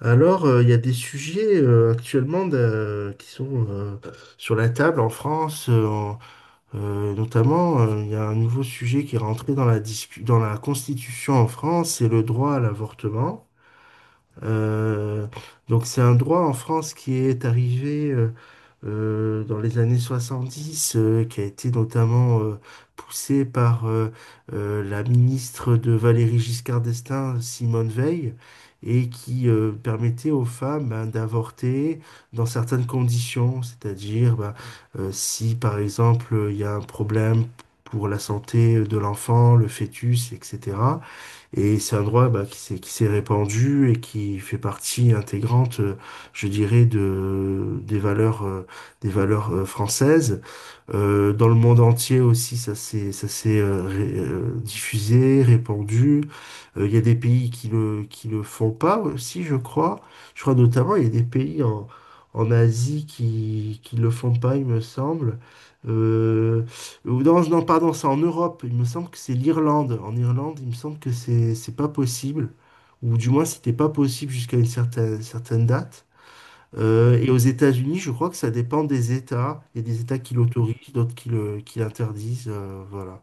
Alors, il y a des sujets actuellement qui sont sur la table en France, notamment, il y a un nouveau sujet qui est rentré dans la dans la Constitution en France, c'est le droit à l'avortement. Euh, donc c'est un droit en France qui est arrivé dans les années 70, qui a été notamment poussé par la ministre de Valéry Giscard d'Estaing, Simone Veil, et qui permettait aux femmes ben, d'avorter dans certaines conditions, c'est-à-dire ben, si par exemple il y a un problème pour la santé de l'enfant, le fœtus, etc. Et c'est un droit bah, qui s'est répandu et qui fait partie intégrante, je dirais, de des valeurs françaises. Dans le monde entier aussi, ça s'est diffusé, répandu. Il y a des pays qui le font pas aussi, je crois. Je crois notamment il y a des pays en Asie qui le font pas, il me semble. Euh, ou non, non, pardon, c'est en Europe. Il me semble que c'est l'Irlande. En Irlande, il me semble que c'est pas possible, ou du moins c'était pas possible jusqu'à une certaine date. Et aux États-Unis, je crois que ça dépend des États. Il y a des États qui l'autorisent, d'autres qui l'interdisent. Voilà.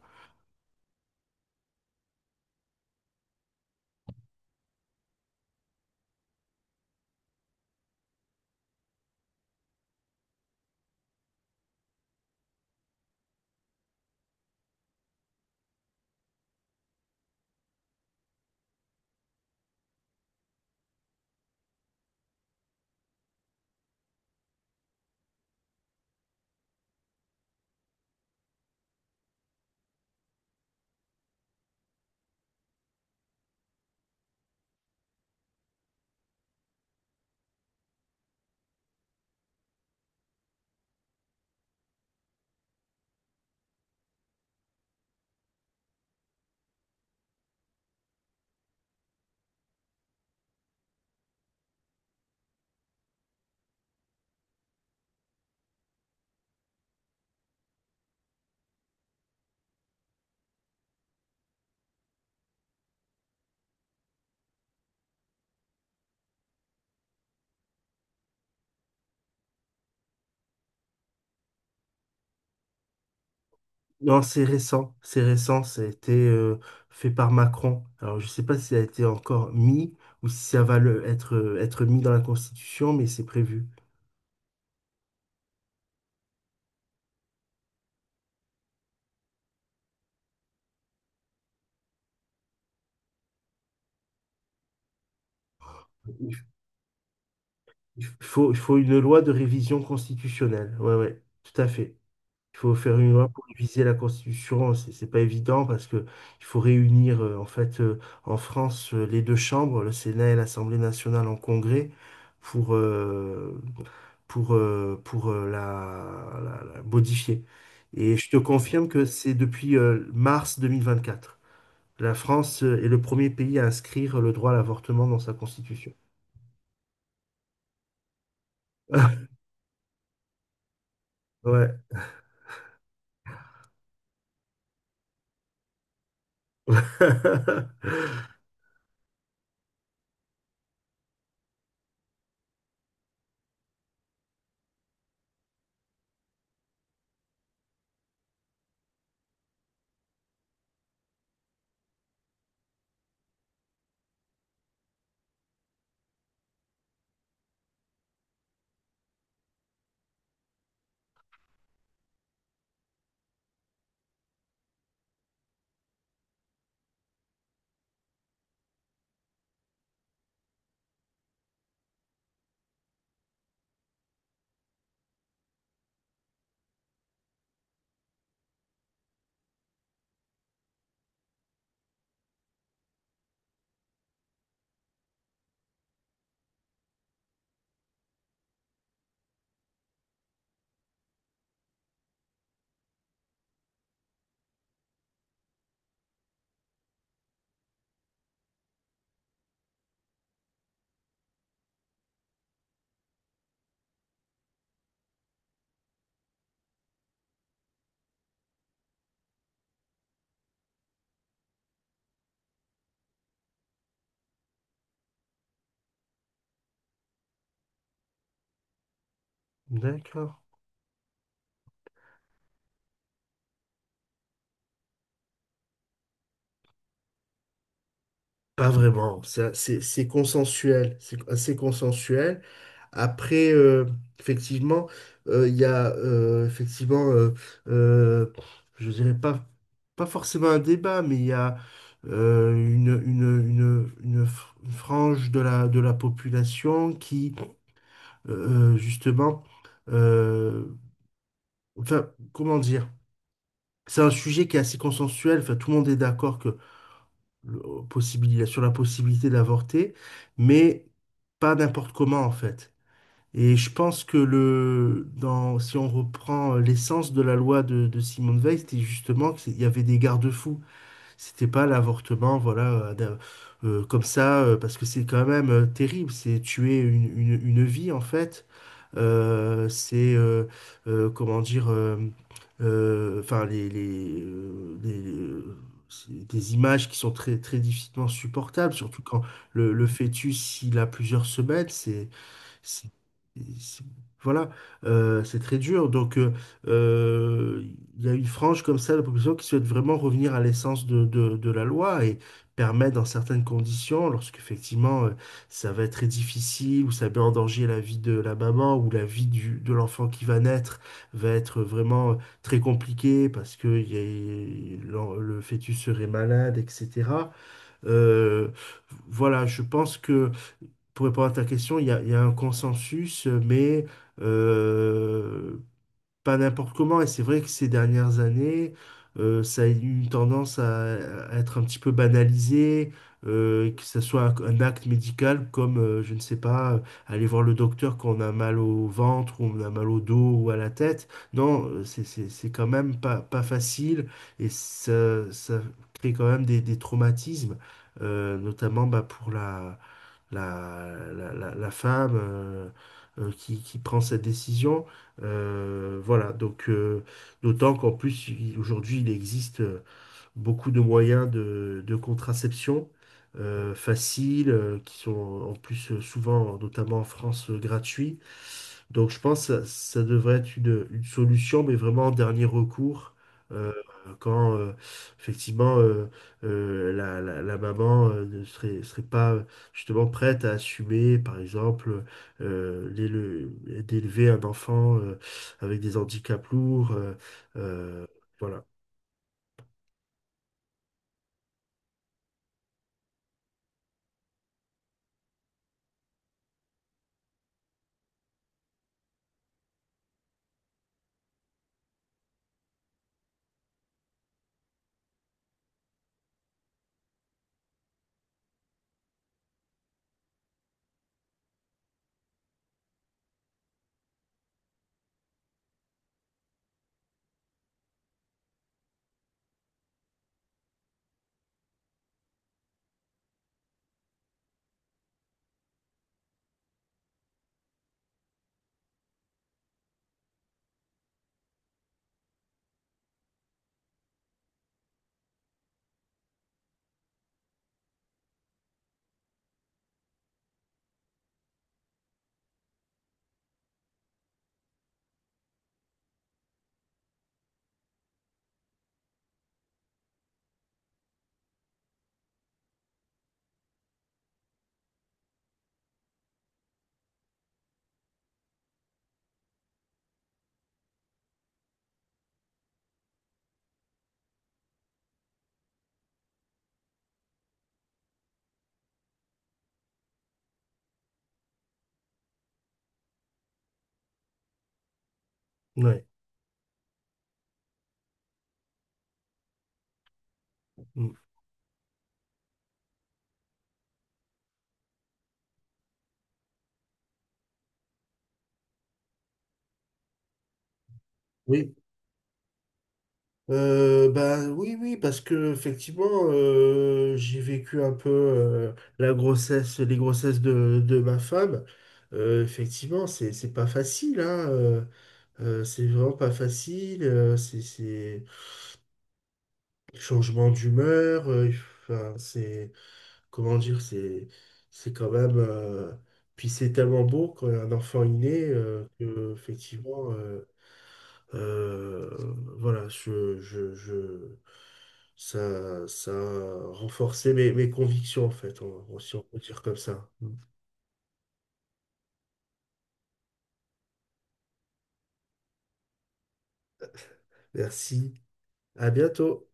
Non, c'est récent. C'est récent. Ça a été fait par Macron. Alors, je ne sais pas si ça a été encore mis ou si ça va être mis dans la Constitution, mais c'est prévu. Il f- il faut une loi de révision constitutionnelle. Ouais, ouais, tout à fait. Il faut faire une loi pour réviser la Constitution. C'est pas évident parce que il faut réunir en fait en France les deux chambres, le Sénat et l'Assemblée nationale en congrès pour euh, pour la modifier. Et je te confirme que c'est depuis mars 2024. La France est le premier pays à inscrire le droit à l'avortement dans sa Constitution. Ouais. D'accord. Pas vraiment, ça, c'est consensuel, c'est assez consensuel. Après, effectivement, il y a effectivement, euh, je dirais pas, forcément un débat, mais il y a une frange de la population qui, justement, euh, enfin, comment dire? C'est un sujet qui est assez consensuel, enfin, tout le monde est d'accord sur la possibilité d'avorter, mais pas n'importe comment en fait. Et je pense que si on reprend l'essence de la loi de Simone Veil, c'était justement qu'il y avait des garde-fous. C'était pas l'avortement, voilà, comme ça, parce que c'est quand même terrible, c'est tuer une vie en fait. Euh, c'est, euh, Comment dire, enfin, c'est des images qui sont très, très difficilement supportables, surtout quand le fœtus, il a plusieurs semaines, c'est- c'est- voilà, c'est très dur. Donc, euh, il y a une frange comme ça de la population qui souhaite vraiment revenir à l'essence de la loi et permettre, dans certaines conditions, lorsqu'effectivement ça va être très difficile ou ça met en danger la vie de la maman ou la vie de l'enfant qui va naître, va être vraiment très compliquée parce que le fœtus serait malade, etc. Euh, voilà, je pense que pour répondre à ta question, il y a un consensus, mais euh, pas n'importe comment. Et c'est vrai que ces dernières années, ça a eu une tendance à être un petit peu banalisé, que ce soit un acte médical comme, je ne sais pas, aller voir le docteur quand on a mal au ventre, ou on a mal au dos ou à la tête. Non, c'est quand même pas, pas facile et ça crée quand même des traumatismes, notamment bah, pour la femme qui prend cette décision. Voilà, donc d'autant qu'en plus, aujourd'hui, il existe, beaucoup de moyens de contraception faciles, qui sont en plus souvent, notamment en France, gratuits. Donc je pense que ça devrait être une solution, mais vraiment en dernier recours, euh, quand effectivement la maman ne serait pas justement prête à assumer, par exemple, d'élever un enfant avec des handicaps lourds. Euh, voilà. Ouais. Mm. Oui. Bah, oui, oui, parce que effectivement, j'ai vécu un peu la grossesse, les grossesses de ma femme. Effectivement, c'est pas facile, hein, c'est vraiment pas facile. C'est changement d'humeur. Enfin, c'est comment dire, c'est quand même. Puis c'est tellement beau quand un enfant est né que effectivement. Euh, voilà, ça a renforcé mes convictions, en fait, si on peut dire comme ça. Merci, à bientôt.